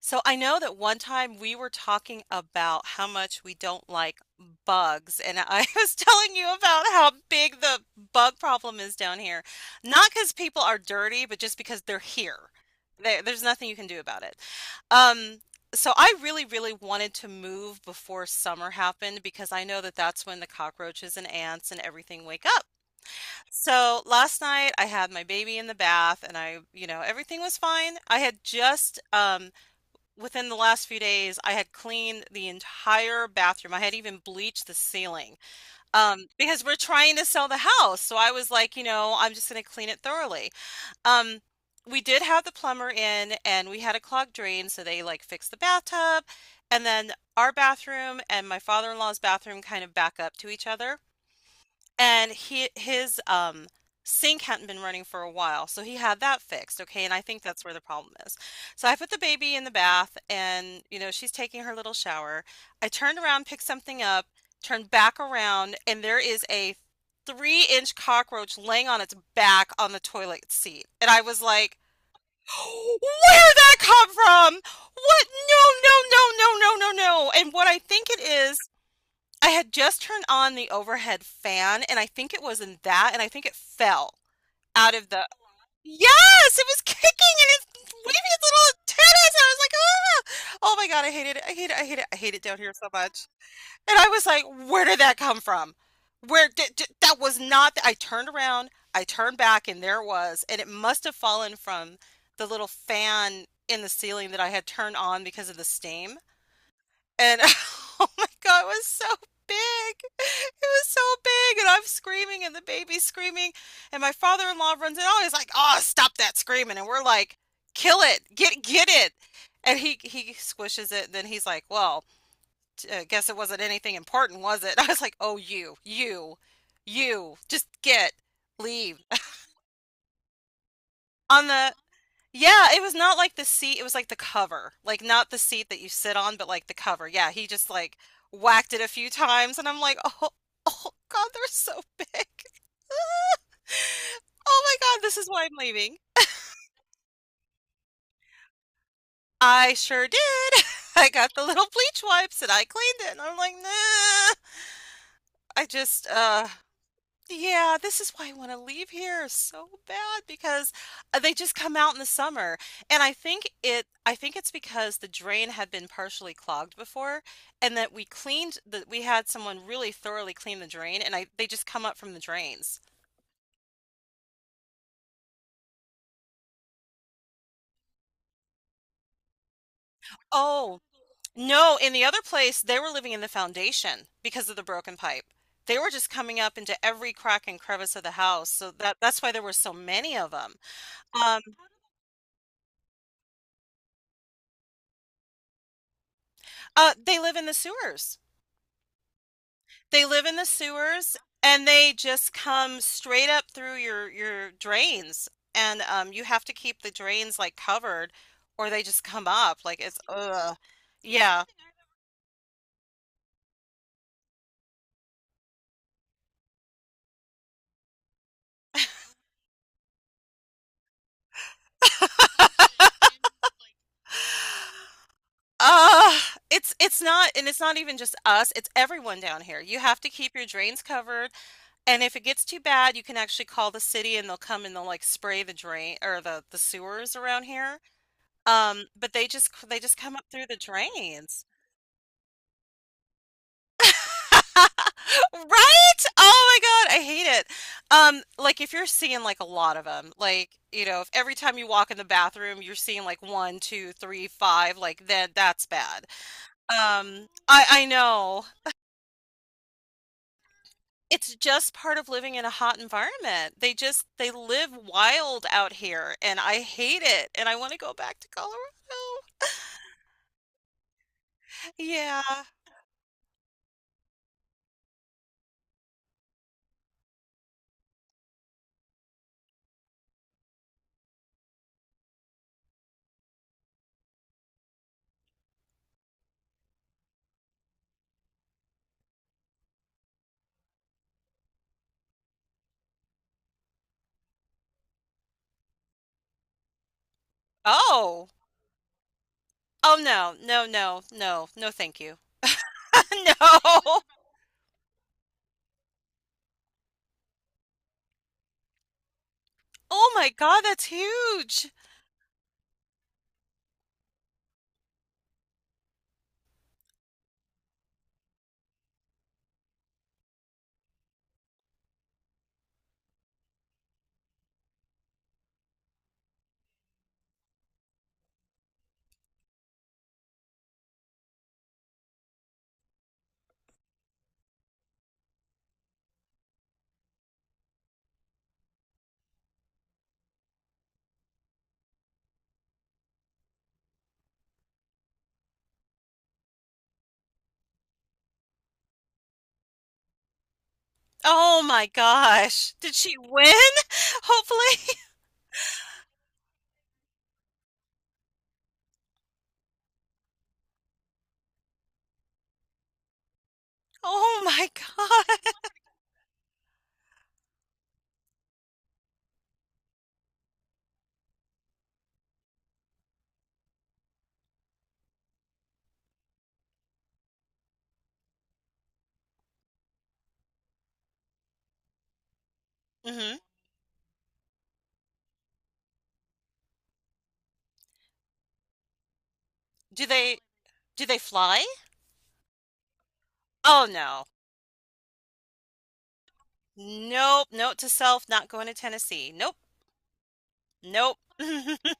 So I know that one time we were talking about how much we don't like bugs, and I was telling you about how big the bug problem is down here. Not because people are dirty, but just because they're here. There's nothing you can do about it. Um, so I really, really wanted to move before summer happened because I know that that's when the cockroaches and ants and everything wake up. So last night I had my baby in the bath and I, you know, everything was fine. I had just within the last few days, I had cleaned the entire bathroom. I had even bleached the ceiling because we're trying to sell the house. So I was like, you know, I'm just going to clean it thoroughly. Um, we did have the plumber in and we had a clogged drain. So they like fixed the bathtub and then our bathroom and my father-in-law's bathroom kind of back up to each other. And he his, sink hadn't been running for a while, so he had that fixed, okay, and I think that's where the problem is. So I put the baby in the bath and, you know, she's taking her little shower. I turned around, picked something up, turned back around, and there is a three-inch cockroach laying on its back on the toilet seat. And I was like, where did that come from? What? No, no, no, no, no, no, no." no. And what I think it is, I had just turned on the overhead fan, and I think it was in that, and I think it fell out of the— Yes! It was kicking and it's waving its little antennas. I was like, ah! Oh my God, I hate it. I hate it. I hate it. I hate it down here so much. And I was like, where did that come from? That was not— I turned around, I turned back, and there it was. And it must have fallen from the little fan in the ceiling that I had turned on because of the steam. And oh my God, it was so big. It was so big. And I'm screaming, and the baby's screaming. And my father-in-law runs in. Oh, he's like, oh, stop that screaming. And we're like, kill it. Get it. And he squishes it. And then he's like, well, guess it wasn't anything important, was it? I was like, oh, you, just get, leave. On the— Yeah, it was not like the seat, it was like the cover. Like not the seat that you sit on, but like the cover. Yeah, he just like whacked it a few times and I'm like, "Oh, oh God, they're so big." Oh my God, this is why I'm leaving. I sure did. I got the little bleach wipes and I cleaned it and I'm like, "Nah." I just Yeah, this is why I wanna leave here so bad because, they just come out in the summer, and I think it's because the drain had been partially clogged before and that we cleaned the we had someone really thoroughly clean the drain, and I, they just come up from the drains. Oh, no, in the other place, they were living in the foundation because of the broken pipe. They were just coming up into every crack and crevice of the house, so that that's why there were so many of them. Um, they live in the sewers. They live in the sewers and they just come straight up through your drains. And you have to keep the drains like covered or they just come up. Like it's ugh. Yeah. Uh, it's not— and it's not even just us, it's everyone down here. You have to keep your drains covered, and if it gets too bad, you can actually call the city and they'll come and they'll like spray the drain or the sewers around here. But they just come up through the drains. Right? Oh my God, I hate it. Like if you're seeing like a lot of them, like, you know, if every time you walk in the bathroom you're seeing like one, two, three, five, like then that's bad. I know. It's just part of living in a hot environment. They live wild out here and I hate it and I want to go back to Colorado. Yeah. Oh. Oh no. No, no. No. No, thank you. No. Oh my God, that's huge. Oh my gosh. Did she win? Hopefully. Oh my god. Mhm. Do they do they fly? Oh, no. Nope. Note to self, not going to Tennessee. Nope. Nope.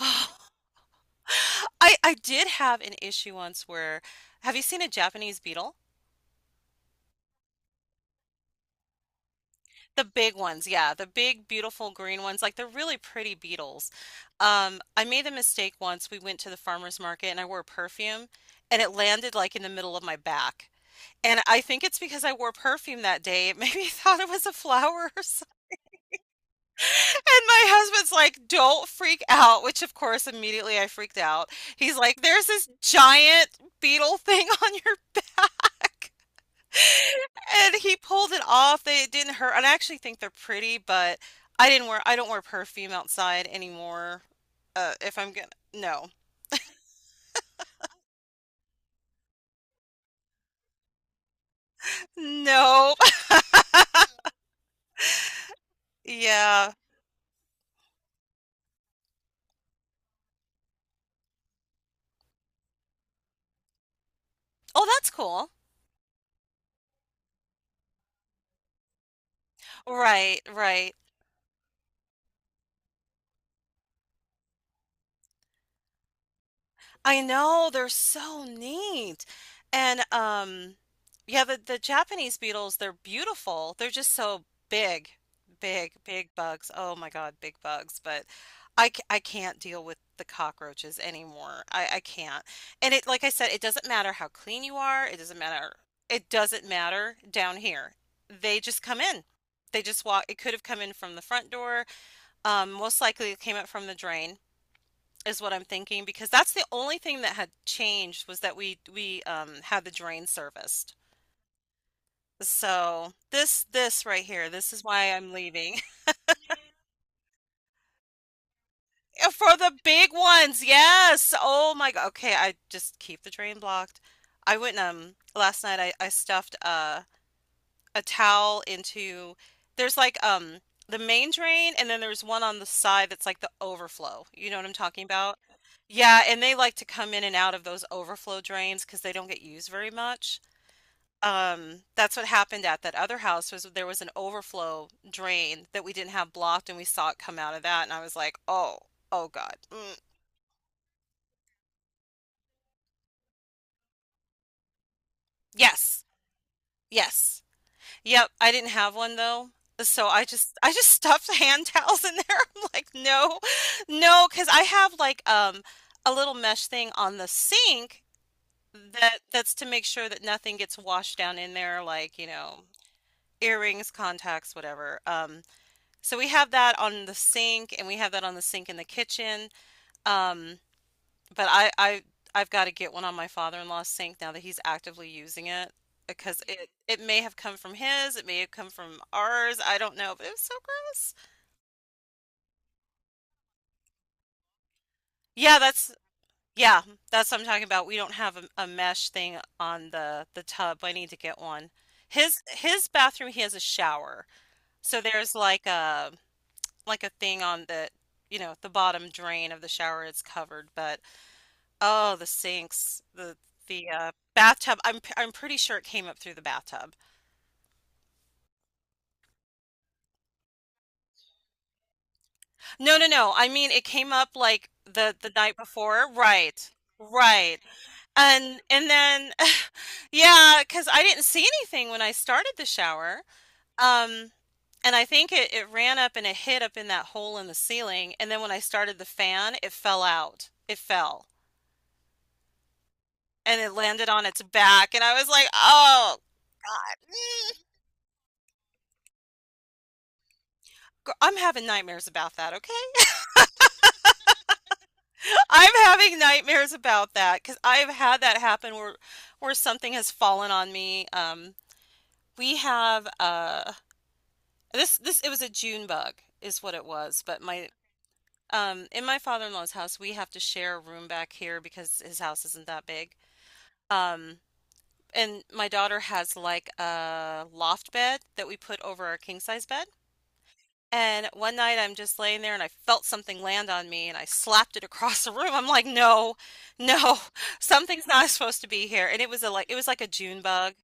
Oh, I did have an issue once where— have you seen a Japanese beetle? The big ones, yeah, the big, beautiful green ones, like they're really pretty beetles. I made the mistake once. We went to the farmer's market and I wore perfume and it landed like in the middle of my back. And I think it's because I wore perfume that day. It made me thought it was a flowers. And my husband's like, "Don't freak out," which of course immediately I freaked out. He's like, "There's this giant beetle thing on your back." And he pulled it off. They, it didn't hurt. And I actually think they're pretty, but I don't wear perfume outside anymore. If I'm gonna, no. No. Yeah. Oh, that's cool. Right, right. I know, they're so neat. And yeah, the Japanese beetles, they're beautiful. They're just so big, big, big bugs. Oh my God, big bugs. But I can't deal with the cockroaches anymore. I can't. And it— like I said, it doesn't matter how clean you are. It doesn't matter. It doesn't matter down here. They just come in. They just walk. It could have come in from the front door. Most likely it came up from the drain is what I'm thinking because that's the only thing that had changed was that we had the drain serviced. So this right here, this is why I'm leaving— for the big ones. Yes. Oh my god. Okay, I just keep the drain blocked. I went last night. I stuffed a towel into— there's like the main drain and then there's one on the side that's like the overflow. You know what I'm talking about? Yeah, and they like to come in and out of those overflow drains because they don't get used very much. That's what happened at that other house— was there was an overflow drain that we didn't have blocked and we saw it come out of that and I was like, "Oh, oh God. Mm, yes. Yes." Yep, I didn't have one though. So I just stuffed hand towels in there. I'm like, no, no, because I have like a little mesh thing on the sink that— that's to make sure that nothing gets washed down in there, like, you know, earrings, contacts, whatever. So we have that on the sink and we have that on the sink in the kitchen. Um, but I've got to get one on my father-in-law's sink now that he's actively using it because it may have come from his, it may have come from ours, I don't know, but it was so gross. Yeah, yeah, that's what I'm talking about. We don't have a mesh thing on the tub. I need to get one. His bathroom, he has a shower. So there's like a thing on the, you know, the bottom drain of the shower— it's covered, but— oh, the sinks, the bathtub, I'm pretty sure it came up through the bathtub. No, no, no, I mean, it came up, like, the— the night before. Right. Right, and then yeah, because I didn't see anything when I started the shower, um, and I think it ran up and it hit up in that hole in the ceiling, and then when I started the fan, it fell out. It fell, and it landed on its back, and I was like, "Oh, God." Mm." I'm having nightmares about that, okay? I'm having nightmares about that because I've had that happen where— where something has fallen on me. We have this this it was a June bug is what it was, but my in my father-in-law's house we have to share a room back here because his house isn't that big. Um, and my daughter has like a loft bed that we put over our king size bed. And one night I'm just laying there and I felt something land on me and I slapped it across the room. I'm like, no, no, something's not supposed to be here. And it was a— like it was like a June bug,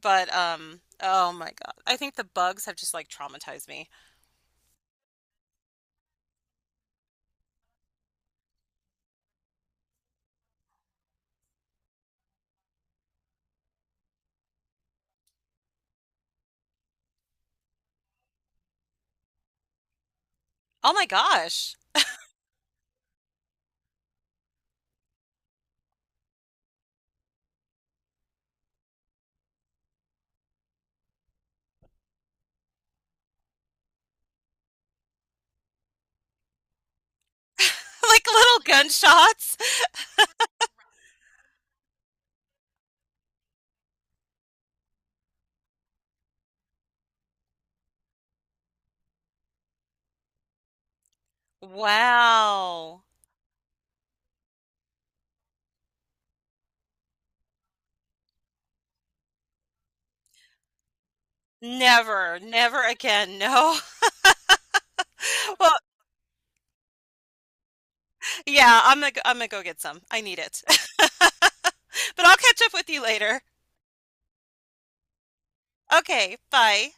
but oh my God. I think the bugs have just like traumatized me. Oh my gosh. Like little gunshots. Wow. Never, never again. No. Well, yeah, I'm gonna go get some. I need it. But I'll catch up with you later. Okay, bye.